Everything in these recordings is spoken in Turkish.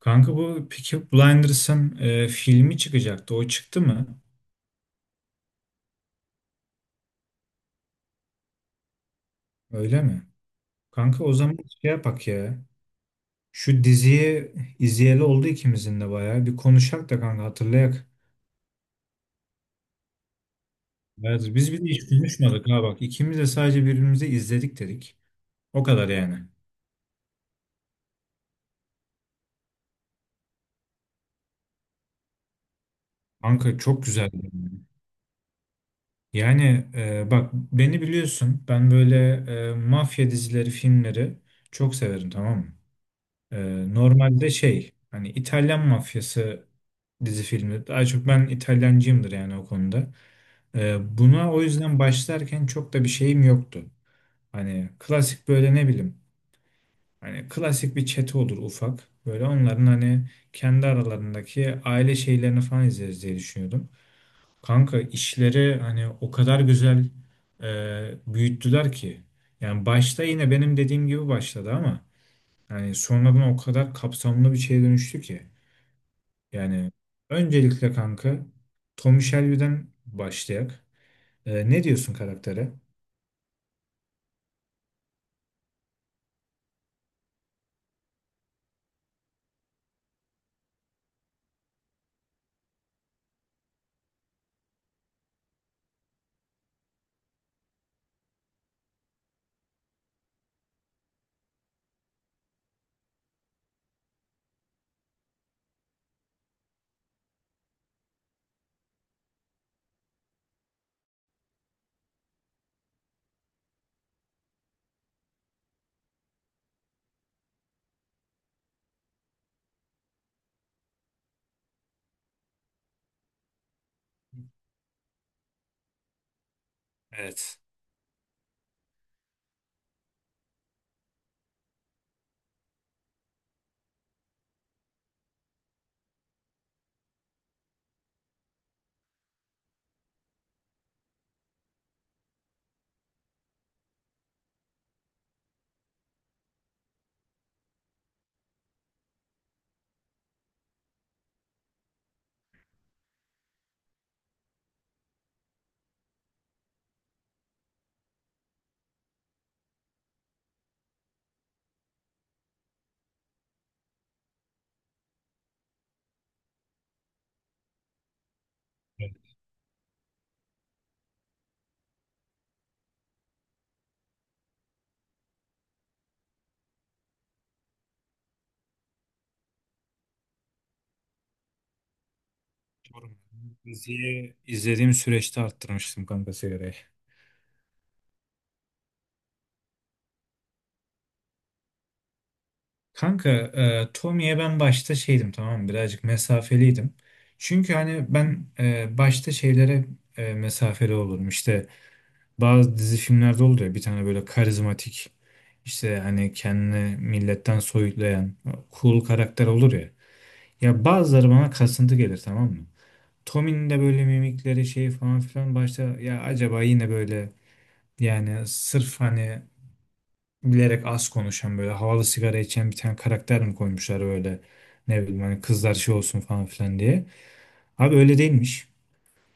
Kanka bu Peaky Blinders'ın filmi çıkacaktı. O çıktı mı? Öyle mi? Kanka o zaman şey yapak ya. Şu diziyi izleyeli oldu ikimizin de bayağı. Bir konuşak da kanka hatırlayak. Evet, biz bir de hiç konuşmadık ha bak. İkimiz de sadece birbirimizi izledik dedik. O kadar yani. Kanka çok güzeldi. Yani bak beni biliyorsun. Ben böyle mafya dizileri, filmleri çok severim, tamam mı? Normalde şey, hani İtalyan mafyası dizi filmi. Daha çok ben İtalyancıyımdır yani o konuda. Buna o yüzden başlarken çok da bir şeyim yoktu. Hani klasik böyle, ne bileyim, hani klasik bir çete olur ufak. Böyle onların hani kendi aralarındaki aile şeylerini falan izleriz diye düşünüyordum. Kanka işleri hani o kadar güzel e, büyüttüler ki. Yani başta yine benim dediğim gibi başladı ama yani sonradan o kadar kapsamlı bir şeye dönüştü ki. Yani öncelikle kanka Tommy Shelby'den başlayak. Ne diyorsun karaktere? Evet. Evet. Doğru. Diziyi izlediğim süreçte arttırmıştım kanka sigarayı. Kanka Tommy'ye ben başta şeydim, tamam mı? Birazcık mesafeliydim. Çünkü hani ben başta şeylere mesafeli olurum. İşte bazı dizi filmlerde oldu ya, bir tane böyle karizmatik, işte hani kendini milletten soyutlayan cool karakter olur ya. Ya bazıları bana kasıntı gelir, tamam mı? Tommy'nin de böyle mimikleri şey falan filan, başta ya acaba yine böyle, yani sırf hani bilerek az konuşan böyle havalı sigara içen bir tane karakter mi koymuşlar böyle, ne bileyim, hani kızlar şey olsun falan filan diye. Abi öyle değilmiş.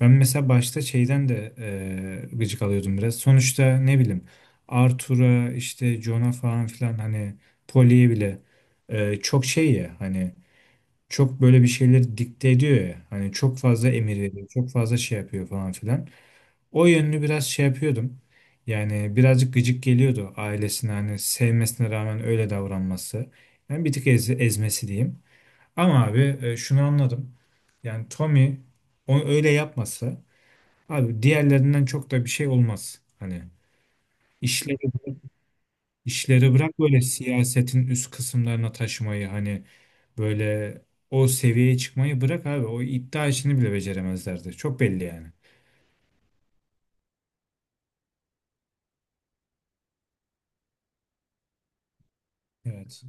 Ben mesela başta şeyden de gıcık alıyordum biraz. Sonuçta ne bileyim, Arthur'a işte Jon'a falan filan, hani Pollyye bile çok şey ya, hani çok böyle bir şeyleri dikte ediyor ya. Hani çok fazla emir veriyor, çok fazla şey yapıyor falan filan. O yönünü biraz şey yapıyordum. Yani birazcık gıcık geliyordu ailesine, hani sevmesine rağmen öyle davranması. Yani bir tık ezmesi diyeyim. Ama abi şunu anladım. Yani Tommy o öyle yapmasa, abi diğerlerinden çok da bir şey olmaz. Hani işleri işleri bırak böyle siyasetin üst kısımlarına taşımayı, hani böyle o seviyeye çıkmayı bırak abi. O iddia işini bile beceremezlerdi. Çok belli yani. Evet.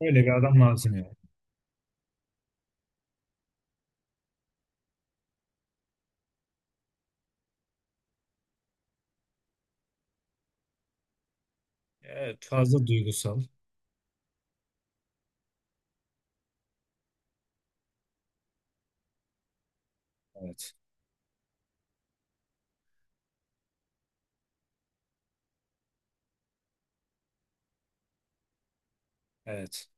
Öyle bir adam lazım ya. Evet, fazla duygusal. Evet. Evet.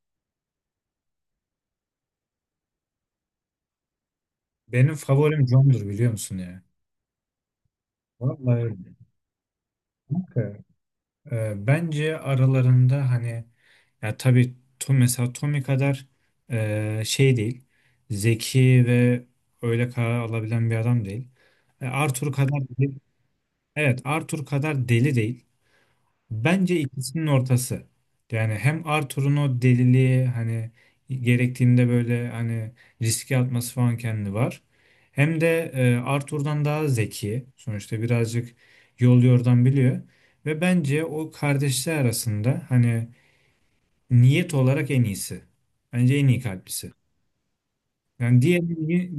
Benim favorim John'dur biliyor musun ya? Vallahi öyle. Bence aralarında hani, ya tabii mesela Tommy kadar şey değil. Zeki ve öyle karar alabilen bir adam değil. E, Arthur kadar değil, evet Arthur kadar deli değil. Bence ikisinin ortası. Yani hem Arthur'un o deliliği, hani gerektiğinde böyle hani riske atması falan kendi var. Hem de Arthur'dan daha zeki. Sonuçta birazcık yol yordan biliyor. Ve bence o kardeşler arasında, hani niyet olarak en iyisi. Bence en iyi kalplisi. Yani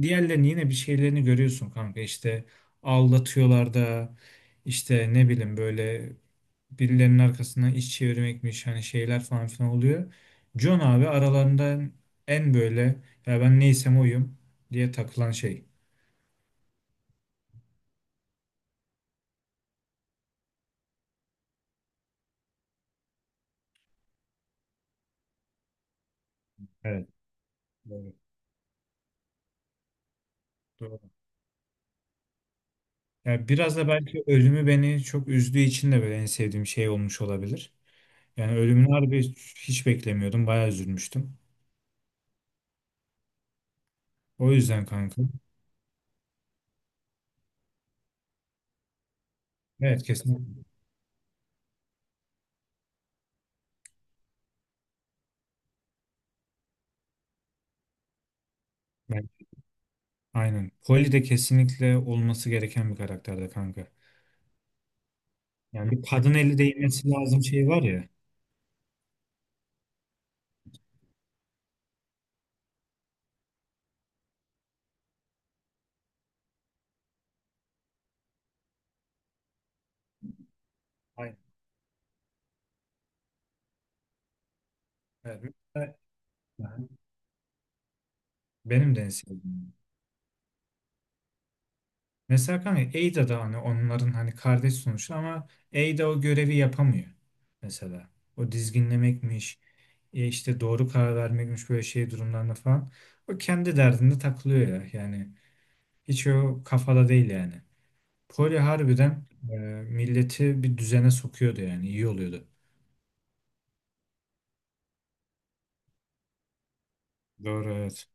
diğerlerini yine bir şeylerini görüyorsun kanka. İşte aldatıyorlar da, işte ne bileyim böyle birilerinin arkasından iş çevirmekmiş, hani şeyler falan filan oluyor. John abi aralarından en böyle "ya ben neysem oyum" diye takılan şey. Evet. Doğru. Doğru. Ya biraz da belki ölümü beni çok üzdüğü için de böyle en sevdiğim şey olmuş olabilir. Yani ölümünü harbi hiç beklemiyordum. Bayağı üzülmüştüm. O yüzden kanka. Evet, kesinlikle. Ben- Aynen. Polly de kesinlikle olması gereken bir karakterde kanka. Yani bir kadın eli değmesi lazım, şey var ya. Aynen. Evet. Mesela- Benim de en sevdiğim. Mesela kanka Ada da hani onların hani kardeş sonuçta ama Ada o görevi yapamıyor. Mesela. O dizginlemekmiş. İşte doğru karar vermekmiş böyle şey durumlarında falan. O kendi derdinde takılıyor ya. Yani hiç o kafada değil yani. Kolye harbiden e, milleti bir düzene sokuyordu yani, iyi oluyordu. Doğru evet.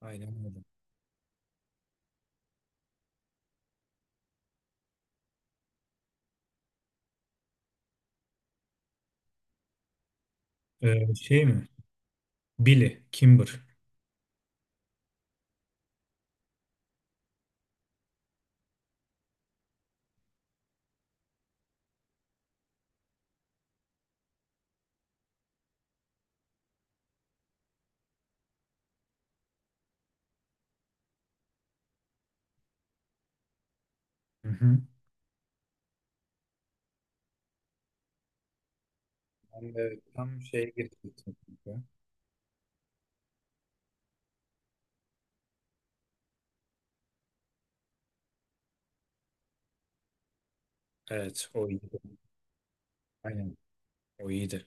Aynen öyle. E, şey mi? Billy, Kimber. Hı hı. Ben de tam şeye getirecektim. Kanka. Evet o iyiydi. Aynen, o iyiydi.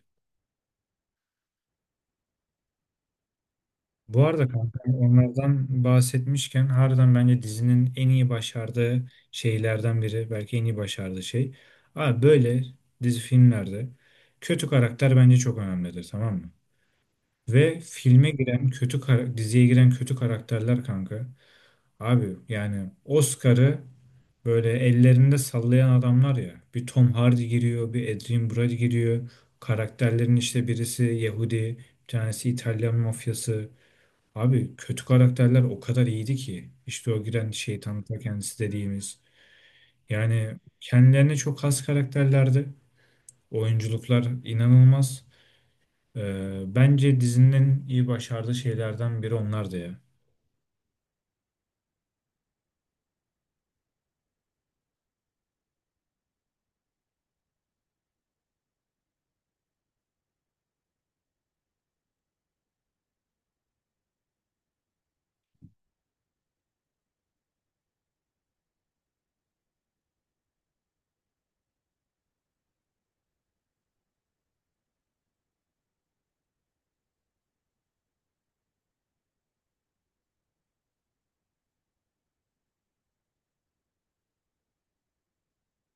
Bu arada kanka onlardan bahsetmişken, harbiden bence dizinin en iyi başardığı şeylerden biri. Belki en iyi başardığı şey. Abi böyle dizi filmlerde kötü karakter bence çok önemlidir, tamam mı? Ve filme giren kötü diziye giren kötü karakterler kanka. Abi yani Oscar'ı böyle ellerinde sallayan adamlar ya. Bir Tom Hardy giriyor, bir Adrien Brody giriyor. Karakterlerin işte birisi Yahudi, bir tanesi İtalyan mafyası. Abi kötü karakterler o kadar iyiydi ki. İşte o giren şeytan ta kendisi dediğimiz. Yani kendilerine çok has karakterlerdi. Oyunculuklar inanılmaz. Bence dizinin iyi başardığı şeylerden biri onlardı ya.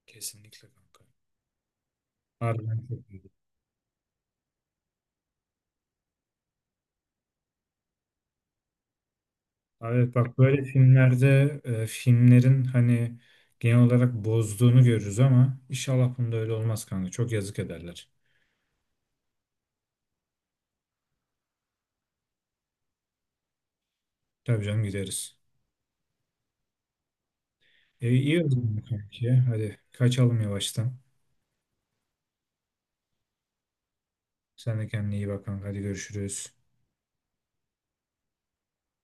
Kesinlikle kanka. Harbiden çok iyiydi. Evet bak böyle filmlerde filmlerin hani genel olarak bozduğunu görürüz ama inşallah bunda öyle olmaz kanka. Çok yazık ederler. Tabii canım, gideriz. E, iyi o zaman kanki. Hadi kaçalım yavaştan. Sen de kendine iyi bak kanka. Hadi görüşürüz.